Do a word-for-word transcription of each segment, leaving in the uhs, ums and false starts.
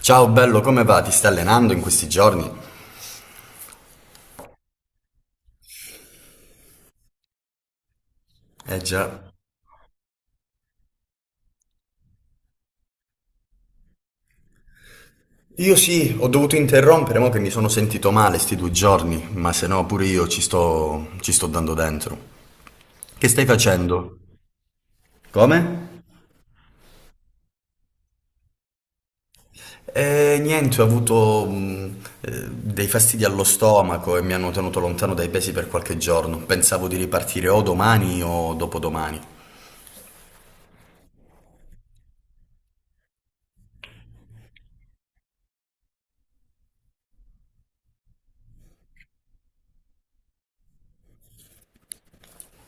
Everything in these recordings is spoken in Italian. Ciao bello, come va? Ti stai allenando in questi giorni? Eh già. Io sì, ho dovuto interrompere, mo che mi sono sentito male sti due giorni, ma se no pure io ci sto, ci sto dando dentro. Che stai facendo? Come? Eh, niente, ho avuto mh, eh, dei fastidi allo stomaco e mi hanno tenuto lontano dai pesi per qualche giorno. Pensavo di ripartire o domani o dopodomani.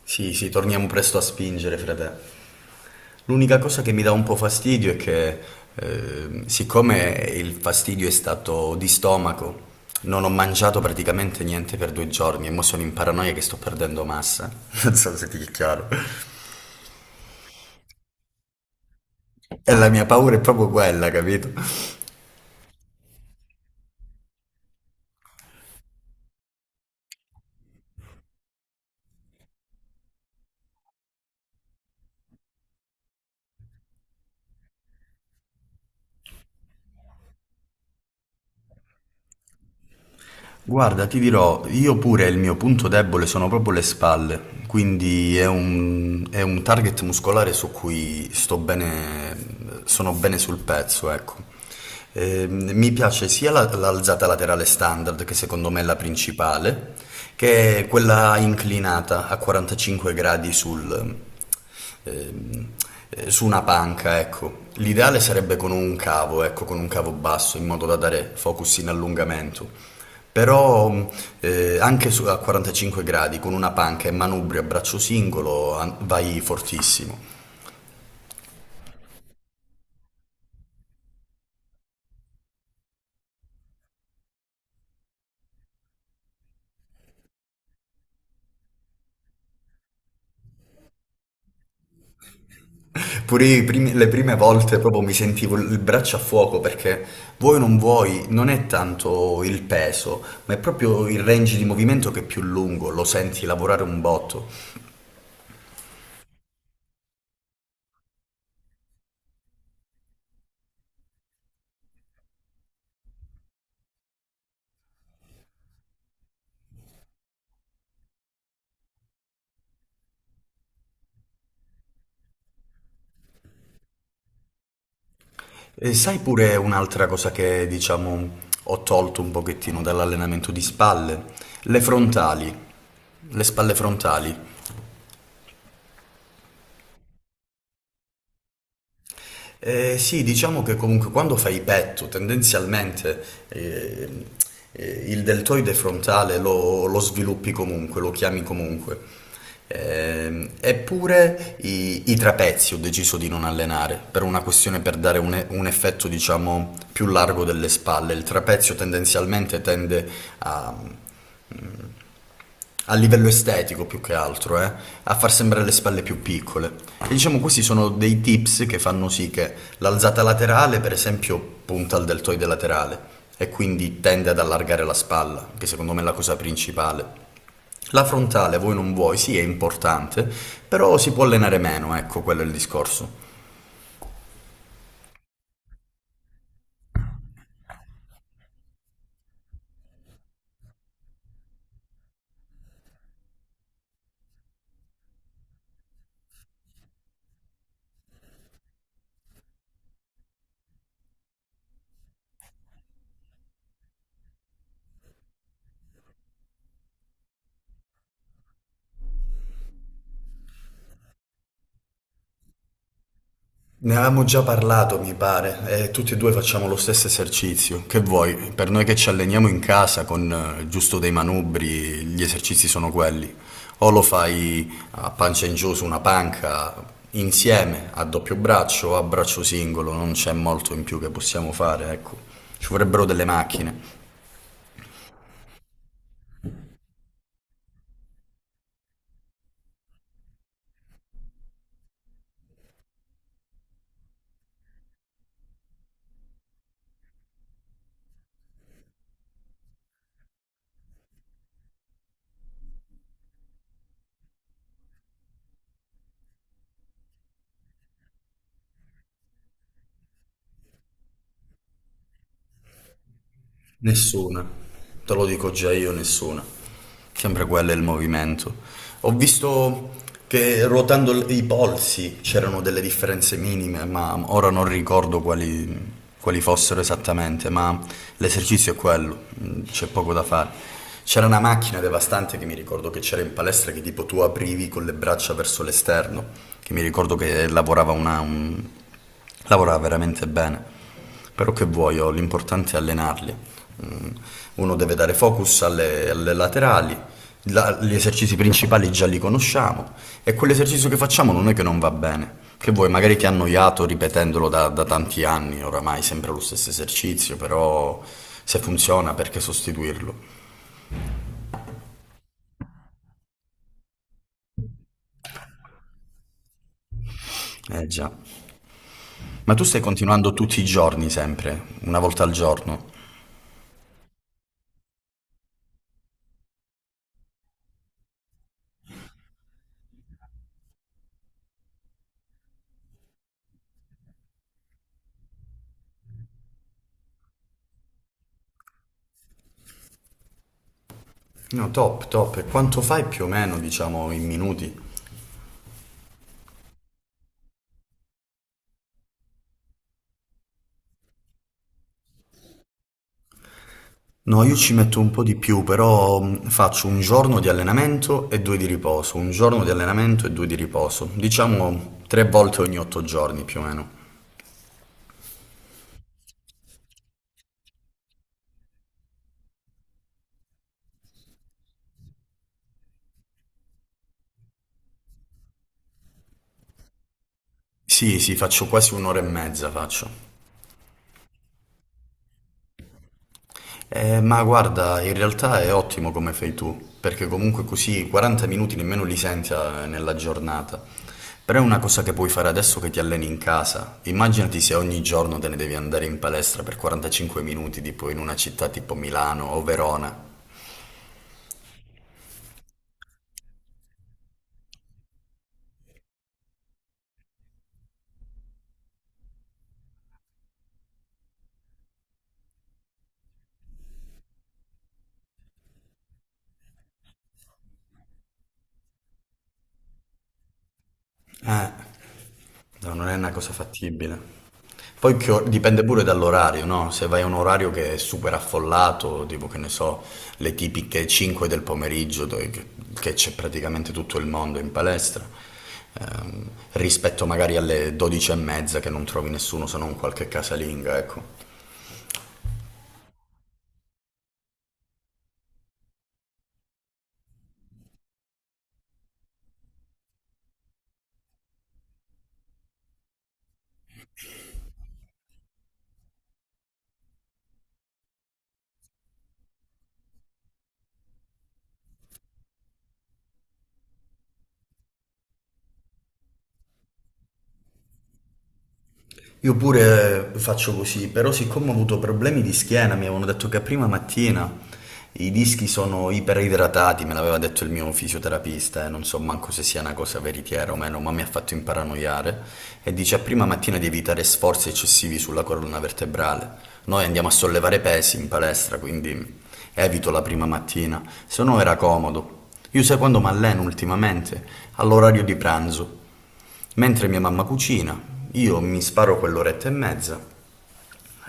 Sì, sì, torniamo presto a spingere, frate. L'unica cosa che mi dà un po' fastidio è che, eh, siccome il fastidio è stato di stomaco, non ho mangiato praticamente niente per due giorni e mo sono in paranoia che sto perdendo massa. Non so se ti è chiaro. E la mia paura è proprio quella, capito? Guarda, ti dirò, io pure il mio punto debole sono proprio le spalle, quindi è un, è un target muscolare su cui sto bene, sono bene sul pezzo, ecco. Ehm, mi piace sia la- l'alzata laterale standard, che secondo me è la principale, che quella inclinata a quarantacinque gradi sul, ehm, eh, su una panca, ecco. L'ideale sarebbe con un cavo, ecco, con un cavo basso, in modo da dare focus in allungamento. Però mh, eh, anche su- a quarantacinque gradi, con una panca e manubrio a braccio singolo, an- vai fortissimo. Pure i primi- le prime volte proprio mi sentivo il braccio a fuoco perché vuoi o non vuoi, non è tanto il peso, ma è proprio il range di movimento che è più lungo, lo senti lavorare un botto. E sai pure un'altra cosa che, diciamo, ho tolto un pochettino dall'allenamento di spalle? Le frontali, le spalle frontali. Eh, sì, diciamo che comunque quando fai petto, tendenzialmente eh, eh, il deltoide frontale lo, lo sviluppi comunque, lo chiami comunque. Ehm, eppure i, i trapezi ho deciso di non allenare per una questione per dare un, e- un effetto, diciamo, più largo delle spalle. Il trapezio tendenzialmente tende a a livello estetico più che altro, eh, a far sembrare le spalle più piccole. E diciamo questi sono dei tips che fanno sì che l'alzata laterale, per esempio, punta al deltoide laterale e quindi tende ad allargare la spalla, che secondo me è la cosa principale. La frontale, voi non vuoi, sì, è importante, però si può allenare meno, ecco, quello è il discorso. Ne avevamo già parlato, mi pare, e tutti e due facciamo lo stesso esercizio. Che vuoi? Per noi che ci alleniamo in casa con eh, giusto dei manubri, gli esercizi sono quelli. O lo fai a pancia in giù su una panca insieme, a doppio braccio o a braccio singolo, non c'è molto in più che possiamo fare, ecco. Ci vorrebbero delle macchine. Nessuna, te lo dico già io, nessuna. Sempre quello è il movimento. Ho visto che ruotando l- i polsi c'erano delle differenze minime, ma ora non ricordo quali, quali fossero esattamente, ma l'esercizio è quello, mm, c'è poco da fare. C'era una macchina devastante che mi ricordo che c'era in palestra che tipo tu aprivi con le braccia verso l'esterno, che mi ricordo che lavorava una, un- lavorava veramente bene, però che vuoi, oh, l'importante è allenarli. Mm, uno deve dare focus alle, alle laterali, la- gli esercizi principali già li conosciamo e quell'esercizio che facciamo non è che non va bene. Che vuoi, magari ti ha annoiato ripetendolo da, da tanti anni, oramai sempre lo stesso esercizio, però se funziona perché sostituirlo? Eh già. Ma tu stai continuando tutti i giorni sempre, una volta al giorno? No, top, top. E quanto fai più o meno, diciamo, in minuti? No, io ci metto un po' di più, però mh, faccio un giorno di allenamento e due di riposo, un giorno di allenamento e due di riposo, diciamo tre volte ogni otto giorni più o meno. Sì, sì, faccio quasi un'ora e mezza faccio. Eh, ma guarda, in realtà è ottimo come fai tu, perché comunque così quaranta minuti nemmeno li senti eh, nella giornata. Però è una cosa che puoi fare adesso che ti alleni in casa. Immaginati se ogni giorno te ne devi andare in palestra per quarantacinque minuti, tipo in una città tipo Milano o Verona. Eh, No, non è una cosa fattibile. Poi che or- dipende pure dall'orario, no? Se vai a un orario che è super affollato, tipo che ne so, le tipiche cinque del pomeriggio, dove, che che c'è praticamente tutto il mondo in palestra, ehm, rispetto magari alle dodici e mezza che non trovi nessuno se non qualche casalinga, ecco. Io pure eh, faccio così, però siccome ho avuto problemi di schiena, mi avevano detto che prima mattina i dischi sono iperidratati, me l'aveva detto il mio fisioterapista, e non so manco se sia una cosa veritiera o meno, ma mi ha fatto imparanoiare, e dice a prima mattina di evitare sforzi eccessivi sulla colonna vertebrale. Noi andiamo a sollevare pesi in palestra, quindi evito la prima mattina, se no era comodo. Io sai quando mi alleno ultimamente? All'orario di pranzo. Mentre mia mamma cucina, io mi sparo quell'oretta e mezza,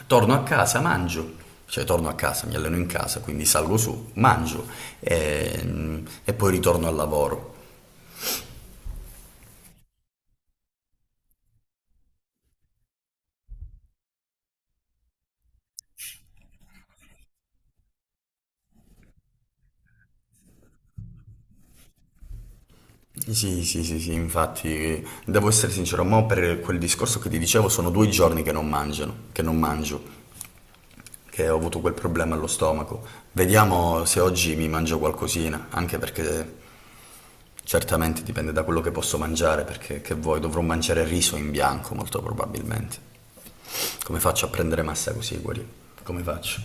torno a casa, mangio, cioè torno a casa, mi alleno in casa, quindi salgo su, mangio e, e poi ritorno al lavoro. Sì, sì, sì, sì, infatti, devo essere sincero, ma per quel discorso che ti dicevo sono due giorni che non mangiano, che non mangio, che ho avuto quel problema allo stomaco. Vediamo se oggi mi mangio qualcosina, anche perché certamente dipende da quello che posso mangiare, perché che vuoi, dovrò mangiare riso in bianco molto probabilmente. Come faccio a prendere massa così, Guarì? Come faccio?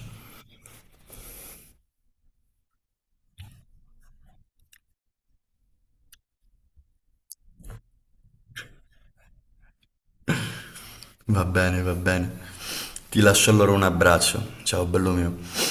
Va bene, va bene. Ti lascio allora un abbraccio. Ciao, bello mio.